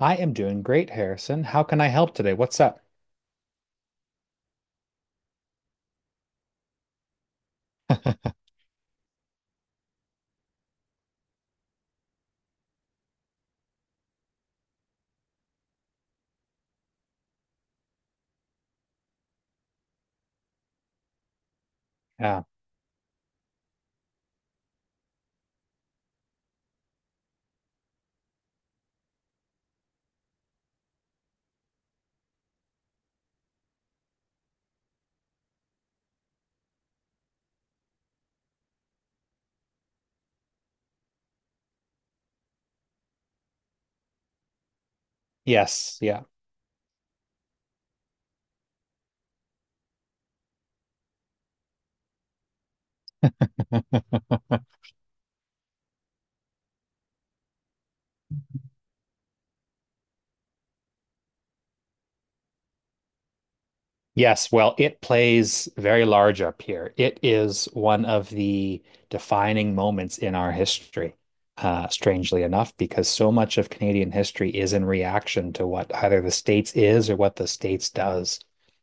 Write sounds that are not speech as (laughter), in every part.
I am doing great, Harrison. How can I help today? What's up? Uh, yes, yeah. (laughs) Yes, well, it plays very large up here. It is one of the defining moments in our history, strangely enough, because so much of Canadian history is in reaction to what either the States is or what the States does,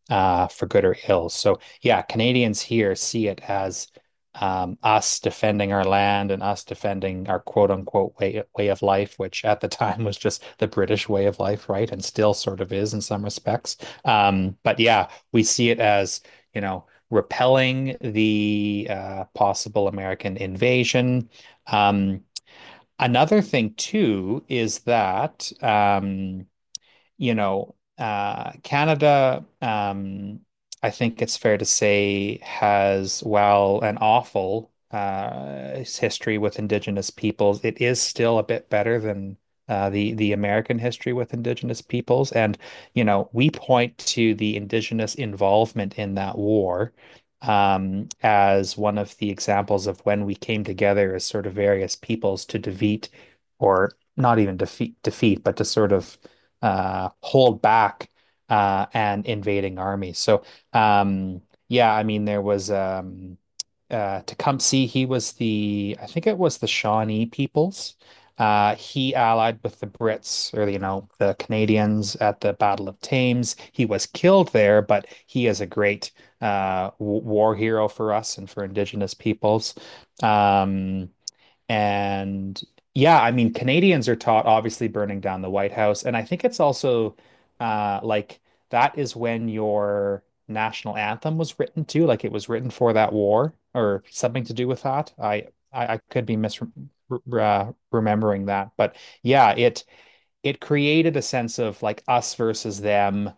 for good or ill. So, yeah, Canadians here see it as us defending our land and us defending our quote unquote way of life, which at the (laughs) time was just the British way of life, right? And still sort of is in some respects. But yeah. We see it as, you know, repelling the possible American invasion. Um, another thing too is that Canada, I think it's fair to say, has, while an awful history with Indigenous peoples, it is still a bit better than the American history with Indigenous peoples. And, you know, we point to the Indigenous involvement in that war as one of the examples of when we came together as sort of various peoples to defeat, or not even defeat, but to sort of hold back an invading army. So um, yeah, I mean there was Tecumseh. He was the I think it was the Shawnee peoples. He allied with the Brits or you know the Canadians at the Battle of Thames. He was killed there, but he is a great w war hero for us and for Indigenous peoples. Um, and yeah, I mean, Canadians are taught obviously burning down the White House. And I think it's also like that is when your national anthem was written too. Like it was written for that war or something to do with that. I could be remembering that, but yeah, it created a sense of like us versus them,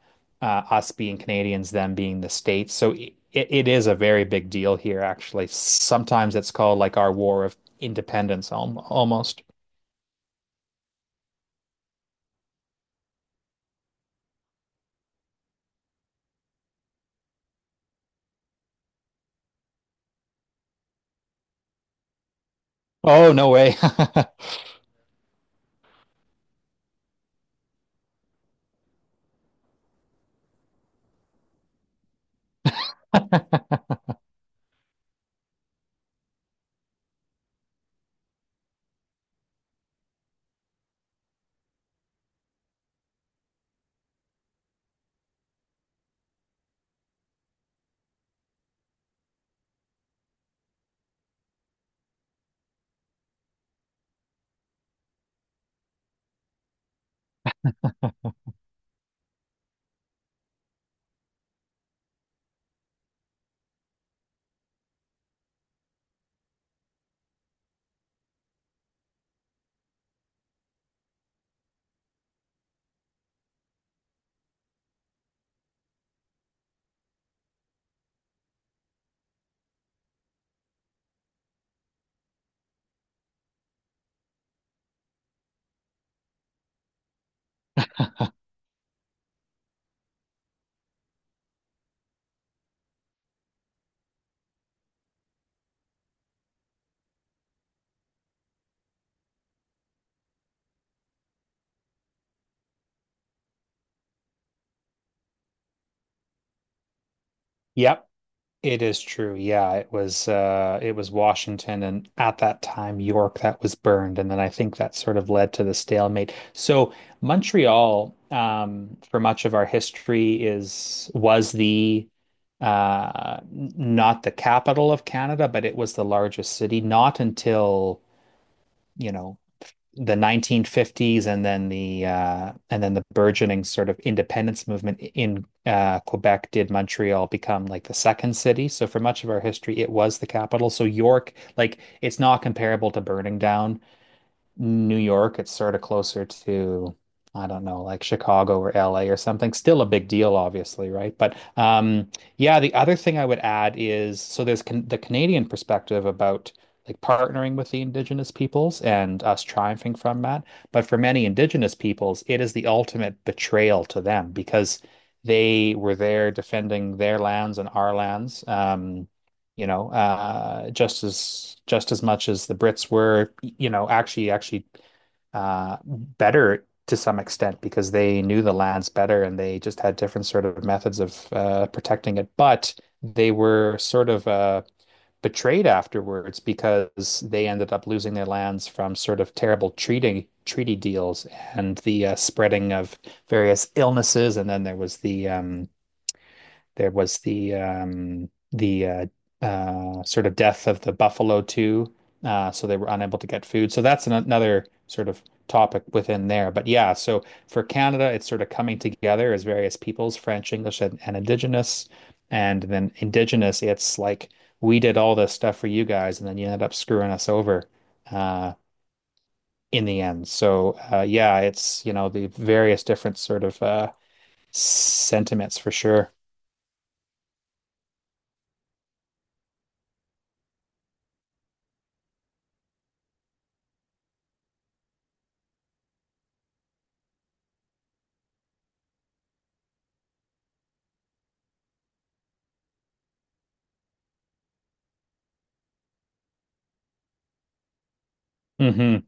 uh, us being Canadians, them being the States. So it is a very big deal here, actually. Sometimes it's called like our war of independence al almost. Oh, no way. (laughs) Yep. It is true. Yeah, it was Washington and at that time York that was burned, and then I think that sort of led to the stalemate. So Montreal for much of our history is was the not the capital of Canada, but it was the largest city not until, you know, the 1950s, and then the burgeoning sort of independence movement in Quebec did Montreal become like the second city. So for much of our history, it was the capital. So York, like it's not comparable to burning down New York, it's sort of closer to, I don't know, like Chicago or LA or something. Still a big deal, obviously, right? But yeah, the other thing I would add is so there's can the Canadian perspective about like partnering with the Indigenous peoples and us triumphing from that. But for many Indigenous peoples, it is the ultimate betrayal to them because they were there defending their lands and our lands. Just as much as the Brits were, you know, actually better to some extent because they knew the lands better and they just had different sort of methods of protecting it. But they were sort of betrayed afterwards because they ended up losing their lands from sort of terrible treating treaty deals and the spreading of various illnesses. And then there was the sort of death of the buffalo too, so they were unable to get food. So that's another sort of topic within there. But yeah, so for Canada, it's sort of coming together as various peoples, French, English, and Indigenous, and then Indigenous. It's like we did all this stuff for you guys, and then you ended up screwing us over. Uh, in the end. So yeah, it's you know the various different sort of sentiments for sure. Hmm.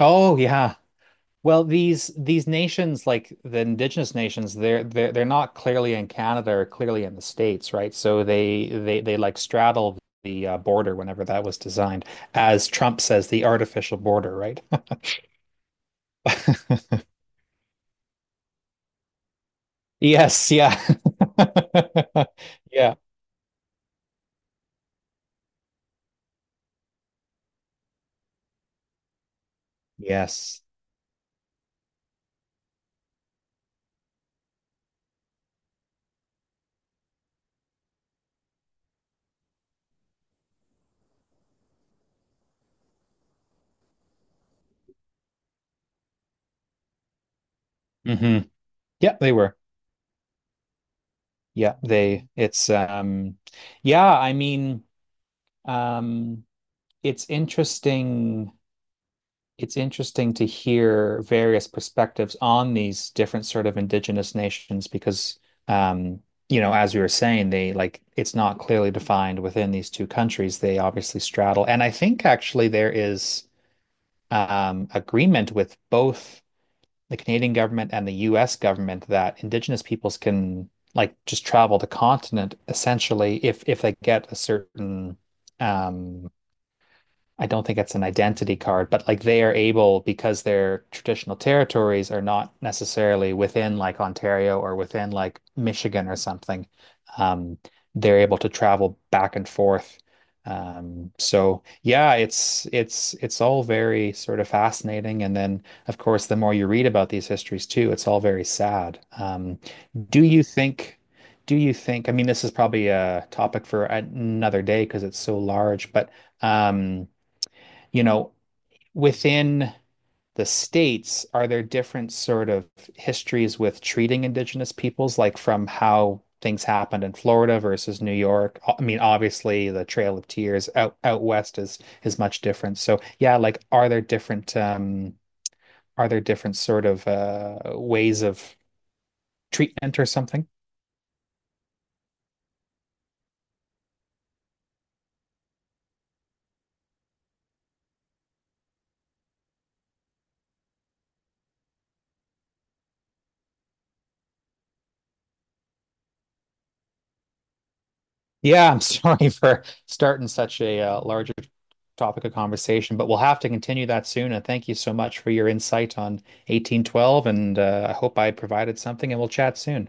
Oh yeah. Well, these nations, like the indigenous nations, they're not clearly in Canada or clearly in the States, right? So they like straddle the border whenever that was designed, as Trump says, the artificial border, right? (laughs) Yes, yeah. (laughs) Yeah. Yes. Hmm. Yeah, they were. Yeah, they it's yeah, I mean, um it's interesting to hear various perspectives on these different sort of indigenous nations because um, you know, as we were saying, they like it's not clearly defined within these two countries. They obviously straddle. And I think actually there is agreement with both the Canadian government and the US government that indigenous peoples can like just travel the continent essentially if they get a certain um I don't think it's an identity card, but like they are able because their traditional territories are not necessarily within like Ontario or within like Michigan or something. Um, they're able to travel back and forth. So yeah, it's all very sort of fascinating. And then of course, the more you read about these histories too, it's all very sad. Do you think do you think, I mean, this is probably a topic for another day because it's so large, but um, you know, within the states, are there different sort of histories with treating indigenous peoples, like from how things happened in Florida versus New York? I mean, obviously the Trail of Tears out west is much different. So yeah, like are there different sort of ways of treatment or something? Yeah, I'm sorry (laughs) for starting such a larger topic of conversation, but we'll have to continue that soon. And thank you so much for your insight on 1812. And I hope I provided something, and we'll chat soon.